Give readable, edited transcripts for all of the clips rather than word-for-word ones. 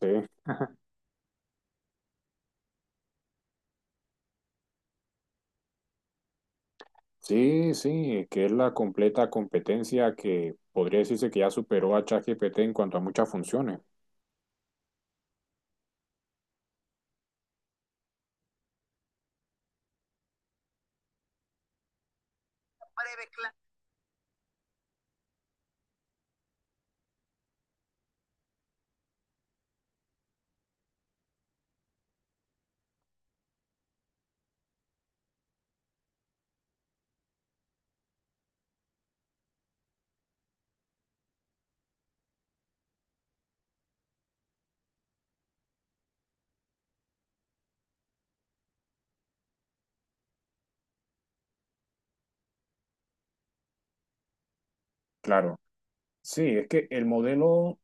Sí, sí, que es la completa competencia que podría decirse que ya superó a ChatGPT en cuanto a muchas funciones. Claro, sí, es que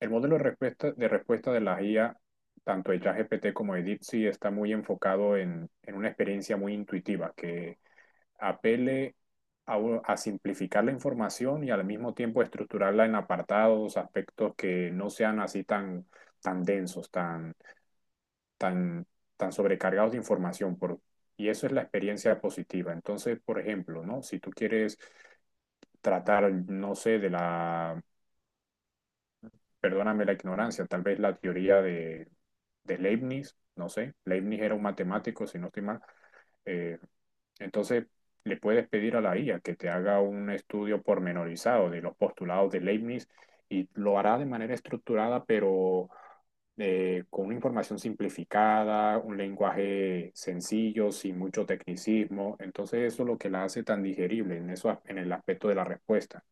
el modelo de respuesta de la IA, tanto de ChatGPT como de DeepSeek, está muy enfocado en una experiencia muy intuitiva que apele a simplificar la información y al mismo tiempo estructurarla en apartados, aspectos que no sean así tan, tan densos, tan, tan sobrecargados de información, por, y eso es la experiencia positiva. Entonces, por ejemplo, ¿no? Si tú quieres tratar, no sé, de la, perdóname la ignorancia, tal vez la teoría de Leibniz, no sé, Leibniz era un matemático, si no estoy mal, eh, entonces, le puedes pedir a la IA que te haga un estudio pormenorizado de los postulados de Leibniz y lo hará de manera estructurada, pero con una información simplificada, un lenguaje sencillo, sin mucho tecnicismo. Entonces, eso es lo que la hace tan digerible en, eso, en el aspecto de la respuesta.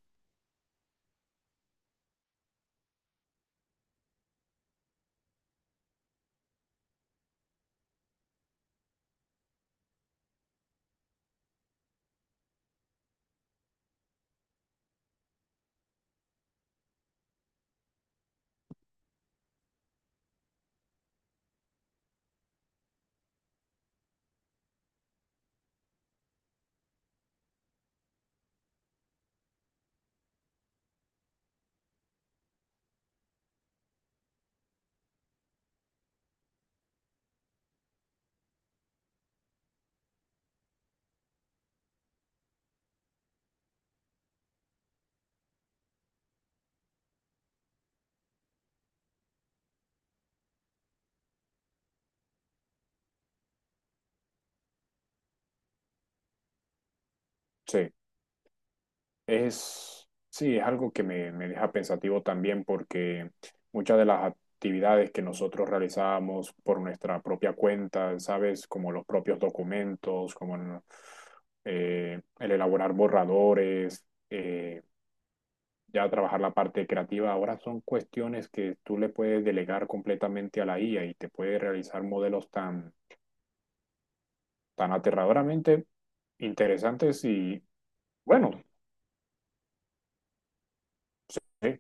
Sí. Es, sí, es algo que me deja pensativo también porque muchas de las actividades que nosotros realizábamos por nuestra propia cuenta, ¿sabes? Como los propios documentos, como el elaborar borradores, eh, ya trabajar la parte creativa, ahora son cuestiones que tú le puedes delegar completamente a la IA y te puede realizar modelos tan, tan aterradoramente interesantes y, bueno. Sí,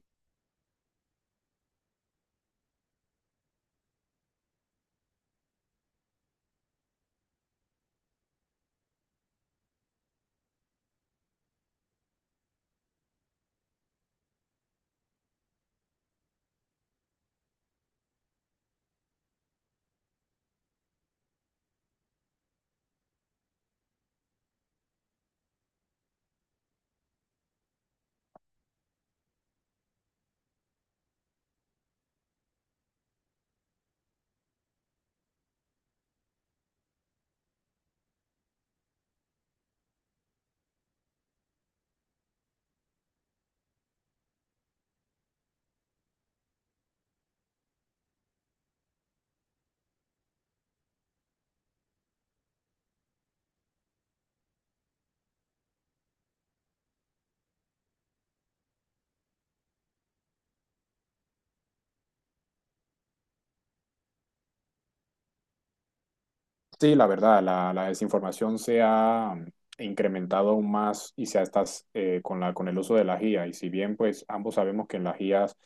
sí, la verdad, la desinformación se ha incrementado aún más y se ha estás con la con el uso de las IA. Y si bien pues ambos sabemos que en las IAs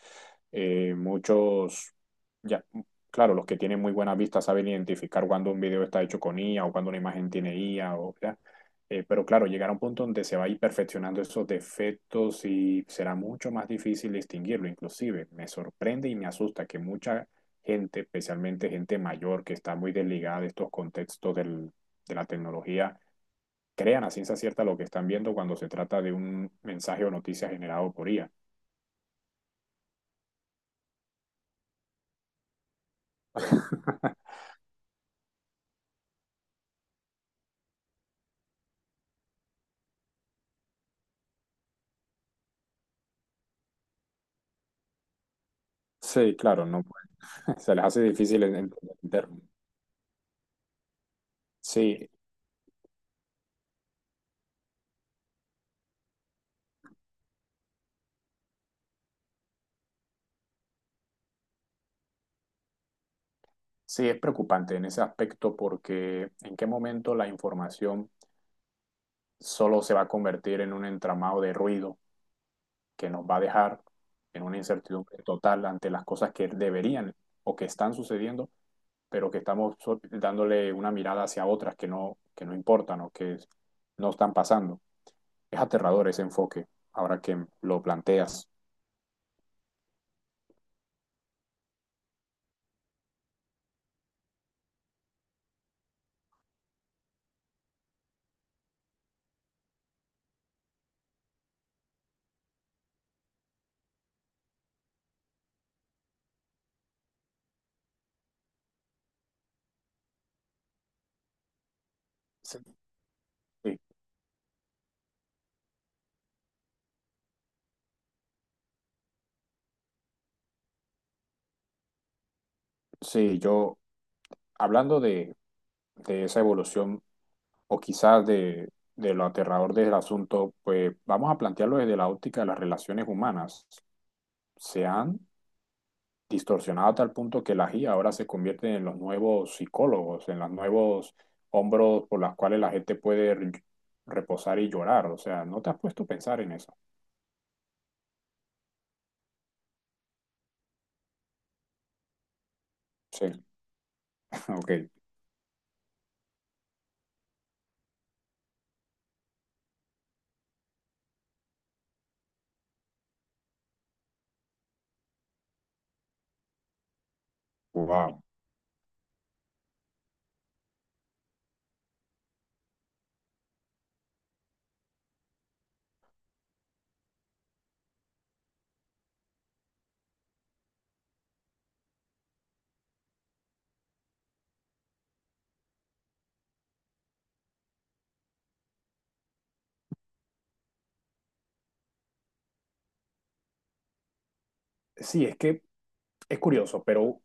muchos ya mm, claro, los que tienen muy buena vista saben identificar cuando un video está hecho con IA o cuando una imagen tiene IA o ya. Pero claro, llegar a un punto donde se va a ir perfeccionando esos defectos y será mucho más difícil distinguirlo. Inclusive me sorprende y me asusta que muchos gente, especialmente gente mayor que está muy desligada de estos contextos del, de la tecnología, crean a ciencia cierta lo que están viendo cuando se trata de un mensaje o noticia generado por IA. Sí, claro, no, se les hace difícil entender. Sí, sí, es preocupante en ese aspecto porque en qué momento la información solo se va a convertir en un entramado de ruido que nos va a dejar en una incertidumbre total ante las cosas que deberían o que están sucediendo pero que estamos dándole una mirada hacia otras que no importan o que no están pasando. Es aterrador ese enfoque, ahora que lo planteas. Sí, sí, sí, yo, hablando de esa evolución o quizás de lo aterrador del asunto, pues vamos a plantearlo desde la óptica de las relaciones humanas. Se han distorsionado a tal punto que la IA ahora se convierte en los nuevos psicólogos, en los nuevos hombros por los cuales la gente puede reposar y llorar. O sea, ¿no te has puesto a pensar en eso? Sí, ok, wow. Sí, es que es curioso, pero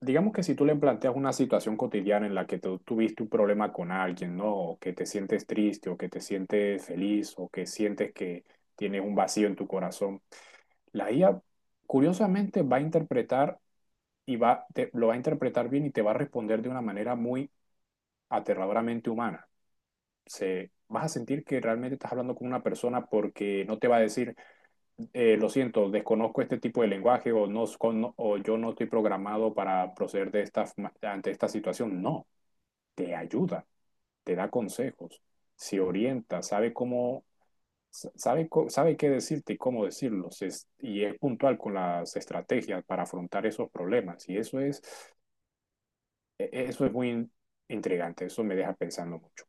digamos que si tú le planteas una situación cotidiana en la que tú tuviste un problema con alguien, ¿no? O que te sientes triste, o que te sientes feliz, o que sientes que tienes un vacío en tu corazón, la IA curiosamente va a interpretar y lo va a interpretar bien y te va a responder de una manera muy aterradoramente humana. Se, vas a sentir que realmente estás hablando con una persona porque no te va a decir, lo siento, desconozco este tipo de lenguaje o, no, o yo no estoy programado para proceder de esta, ante esta situación. No, te ayuda, te da consejos, se orienta, sabe cómo, sabe, sabe qué decirte y cómo decirlo, se, y es puntual con las estrategias para afrontar esos problemas. Y eso es eso es muy intrigante, eso me deja pensando mucho.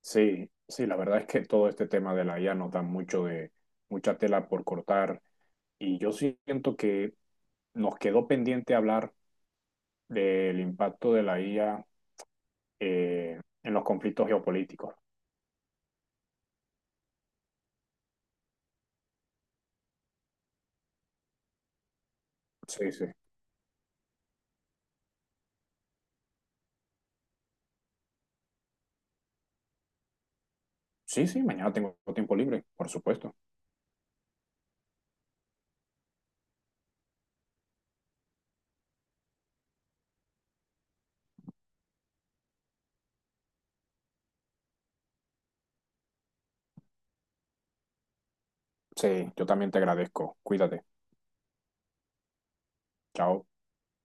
Sí, sí, la verdad es que todo este tema de la IA nos da mucho de, mucha tela por cortar y yo siento que nos quedó pendiente hablar del impacto de la IA en los conflictos geopolíticos. Sí, sí. Sí, sí, mañana tengo tiempo libre, por supuesto. Sí, yo también te agradezco. Cuídate. Chao.